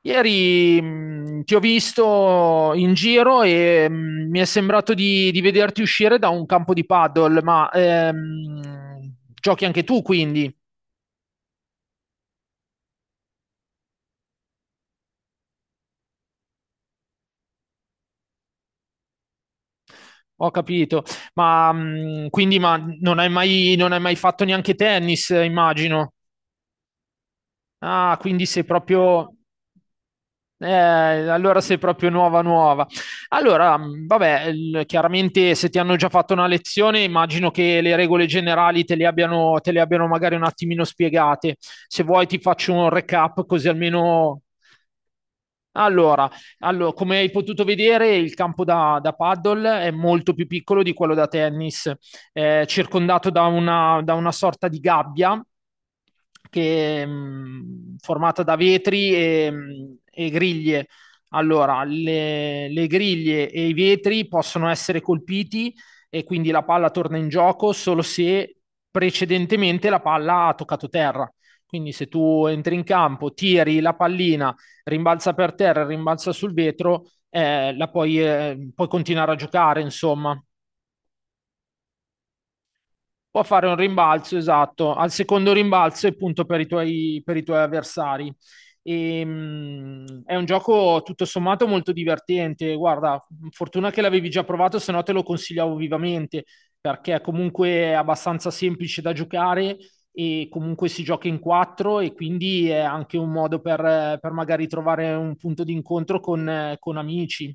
Ieri ti ho visto in giro e mi è sembrato di vederti uscire da un campo di paddle, ma giochi anche tu, quindi ho capito. Ma quindi ma non hai mai fatto neanche tennis, immagino. Ah, quindi sei proprio. Allora sei proprio nuova nuova. Allora, vabbè, chiaramente se ti hanno già fatto una lezione, immagino che le regole generali te le abbiano magari un attimino spiegate. Se vuoi ti faccio un recap così almeno. Allora, come hai potuto vedere, il campo da paddle è molto più piccolo di quello da tennis, è circondato da una sorta di gabbia che, formata da vetri e griglie. Allora, le griglie e i vetri possono essere colpiti e quindi la palla torna in gioco solo se precedentemente la palla ha toccato terra. Quindi se tu entri in campo, tiri la pallina, rimbalza per terra, rimbalza sul vetro, puoi continuare a giocare, insomma. Può fare un rimbalzo, esatto, al secondo rimbalzo e punto per per i tuoi avversari. E, è un gioco tutto sommato molto divertente. Guarda, fortuna che l'avevi già provato, se no te lo consigliavo vivamente, perché comunque è abbastanza semplice da giocare e comunque si gioca in quattro e quindi è anche un modo per magari trovare un punto di incontro con amici.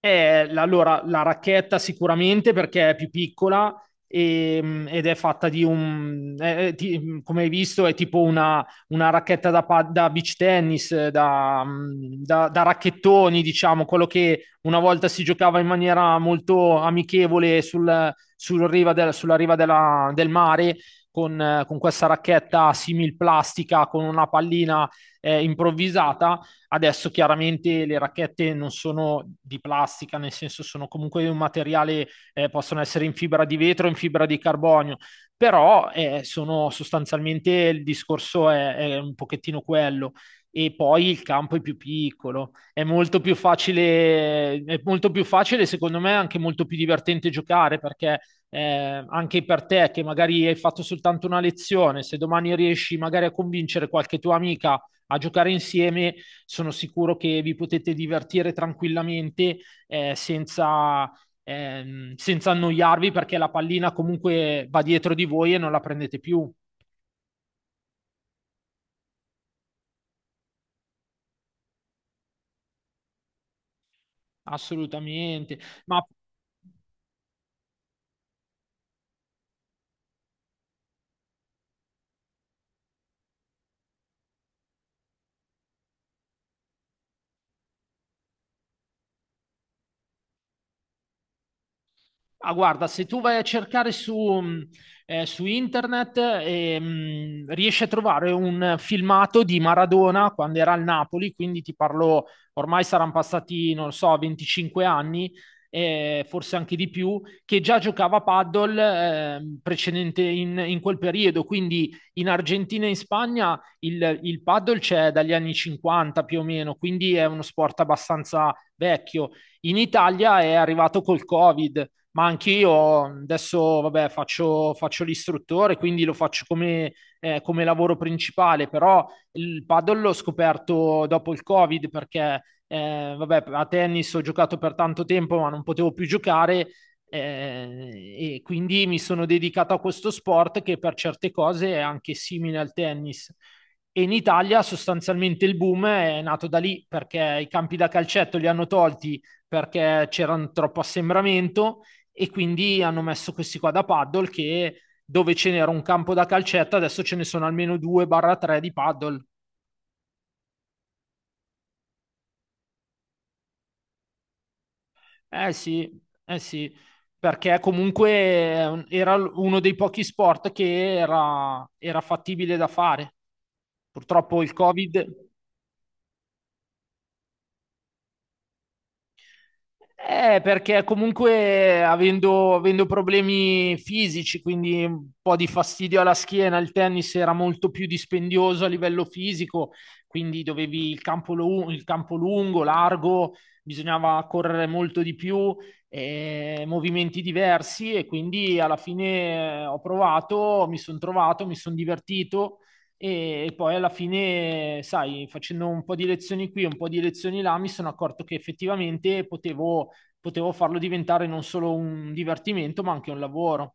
Allora, la racchetta sicuramente perché è più piccola ed è fatta di un, è ti- come hai visto, è tipo una racchetta da beach tennis, da racchettoni, diciamo, quello che una volta si giocava in maniera molto amichevole sul riva sulla riva del mare. Con questa racchetta simil plastica con una pallina improvvisata. Adesso chiaramente le racchette non sono di plastica, nel senso sono comunque un materiale, possono essere in fibra di vetro, in fibra di carbonio, però sono sostanzialmente il discorso è un pochettino quello e poi il campo è più piccolo. È molto più facile, è molto più facile, secondo me, anche molto più divertente giocare perché anche per te che magari hai fatto soltanto una lezione, se domani riesci magari a convincere qualche tua amica a giocare insieme, sono sicuro che vi potete divertire tranquillamente eh, senza, senza annoiarvi perché la pallina comunque va dietro di voi e non la prendete più. Assolutamente. Ma Ah, guarda, se tu vai a cercare su internet, riesci a trovare un filmato di Maradona quando era al Napoli, quindi ti parlo, ormai saranno passati, non lo so, 25 anni, forse anche di più, che già giocava a paddle, precedente in quel periodo. Quindi in Argentina e in Spagna il paddle c'è dagli anni 50 più o meno, quindi è uno sport abbastanza vecchio. In Italia è arrivato col Covid, ma anch'io adesso vabbè, faccio l'istruttore, quindi lo faccio come, come lavoro principale, però il paddle l'ho scoperto dopo il Covid perché vabbè, a tennis ho giocato per tanto tempo, ma non potevo più giocare e quindi mi sono dedicato a questo sport che per certe cose è anche simile al tennis. E in Italia sostanzialmente il boom è nato da lì perché i campi da calcetto li hanno tolti perché c'era un troppo assembramento e quindi hanno messo questi qua da paddle che dove ce n'era un campo da calcetto, adesso ce ne sono almeno 2-3 di paddle. Eh sì, eh sì, perché comunque era uno dei pochi sport che era, era fattibile da fare. Purtroppo il Covid. Perché comunque avendo problemi fisici, quindi un po' di fastidio alla schiena, il tennis era molto più dispendioso a livello fisico, quindi dovevi il campo, il campo lungo, largo, bisognava correre molto di più, movimenti diversi e quindi alla fine ho provato, mi sono trovato, mi sono divertito e poi alla fine, sai, facendo un po' di lezioni qui, un po' di lezioni là, mi sono accorto che effettivamente potevo farlo diventare non solo un divertimento, ma anche un lavoro.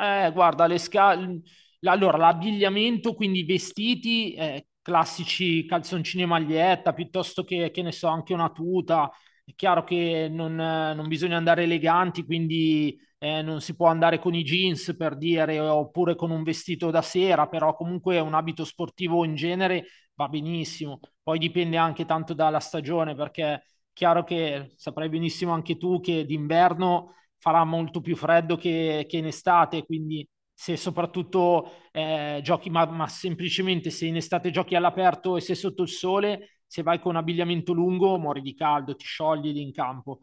Guarda, allora l'abbigliamento, quindi i vestiti, classici calzoncini e maglietta, piuttosto che ne so, anche una tuta. È chiaro che non bisogna andare eleganti, quindi non si può andare con i jeans per dire, oppure con un vestito da sera, però comunque un abito sportivo in genere va benissimo. Poi dipende anche tanto dalla stagione, perché è chiaro che saprai benissimo anche tu che d'inverno farà molto più freddo che in estate, quindi se soprattutto giochi, semplicemente se in estate giochi all'aperto e se sotto il sole, se vai con abbigliamento lungo muori di caldo, ti sciogli lì in campo.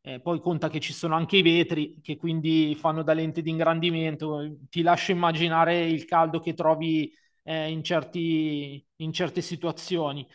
Poi conta che ci sono anche i vetri che quindi fanno da lente di ingrandimento, ti lascio immaginare il caldo che trovi in certe situazioni.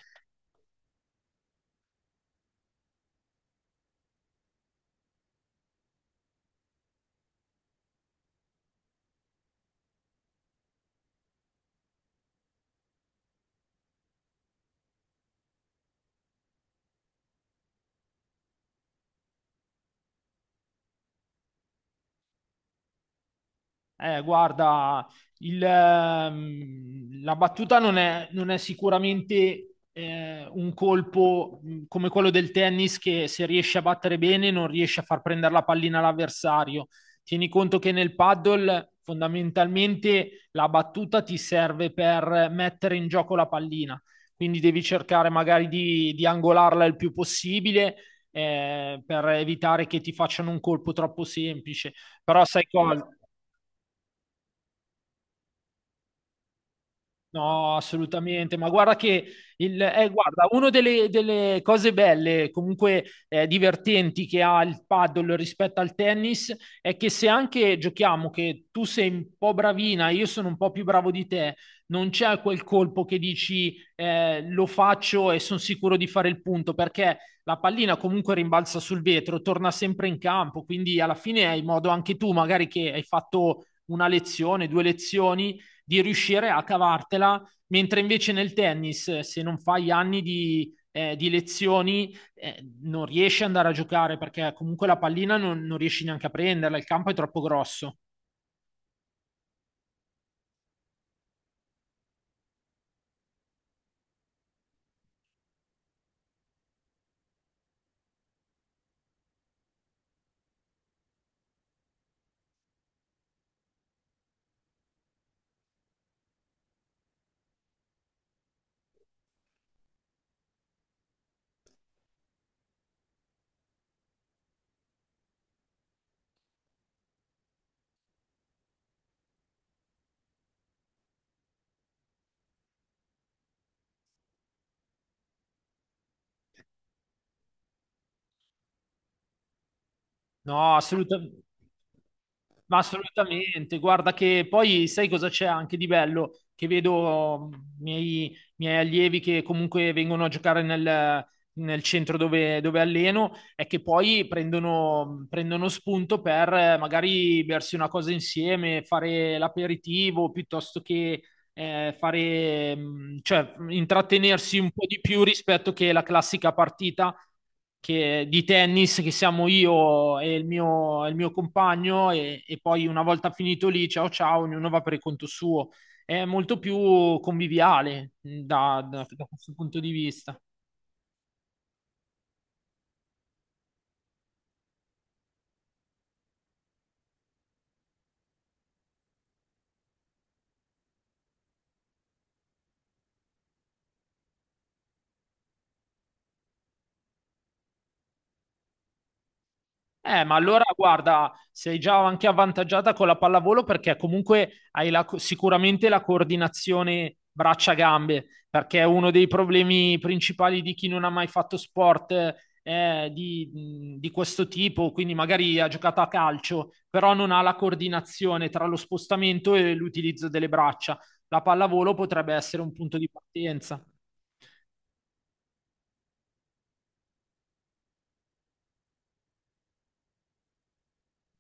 Guarda, la battuta non è sicuramente un colpo come quello del tennis che se riesce a battere bene non riesce a far prendere la pallina all'avversario. Tieni conto che nel paddle fondamentalmente la battuta ti serve per mettere in gioco la pallina, quindi devi cercare magari di angolarla il più possibile per evitare che ti facciano un colpo troppo semplice. Però sai cosa? No, assolutamente, ma guarda che una delle cose belle, comunque divertenti che ha il paddle rispetto al tennis è che se anche giochiamo che tu sei un po' bravina, io sono un po' più bravo di te, non c'è quel colpo che dici lo faccio e sono sicuro di fare il punto, perché la pallina comunque rimbalza sul vetro, torna sempre in campo, quindi alla fine hai modo anche tu, magari che hai fatto una lezione, due lezioni di riuscire a cavartela, mentre invece nel tennis, se non fai anni di lezioni, non riesci ad andare a giocare perché comunque la pallina non riesci neanche a prenderla, il campo è troppo grosso. No, assolutamente. Ma assolutamente, guarda che poi sai cosa c'è anche di bello? Che vedo i miei allievi che comunque vengono a giocare nel centro dove alleno e che poi prendono spunto per magari bersi una cosa insieme, fare l'aperitivo piuttosto che fare, cioè intrattenersi un po' di più rispetto che la classica partita di tennis che siamo io e il mio compagno e poi una volta finito lì, ciao ciao, ognuno va per il conto suo. È molto più conviviale da questo punto di vista. Ma allora guarda, sei già anche avvantaggiata con la pallavolo perché comunque hai sicuramente la coordinazione braccia-gambe, perché è uno dei problemi principali di chi non ha mai fatto sport di questo tipo, quindi magari ha giocato a calcio, però non ha la coordinazione tra lo spostamento e l'utilizzo delle braccia. La pallavolo potrebbe essere un punto di partenza.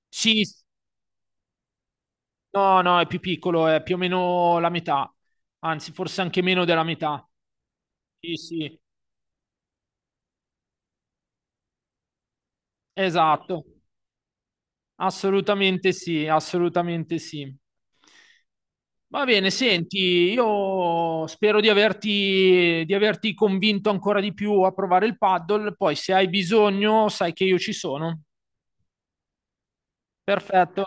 Sì, s- no, no, è più piccolo, è più o meno la metà, anzi forse anche meno della metà. Sì, sì, esatto, assolutamente sì, assolutamente sì. Va bene, senti, io spero di averti convinto ancora di più a provare il paddle, poi se hai bisogno sai che io ci sono. Perfetto.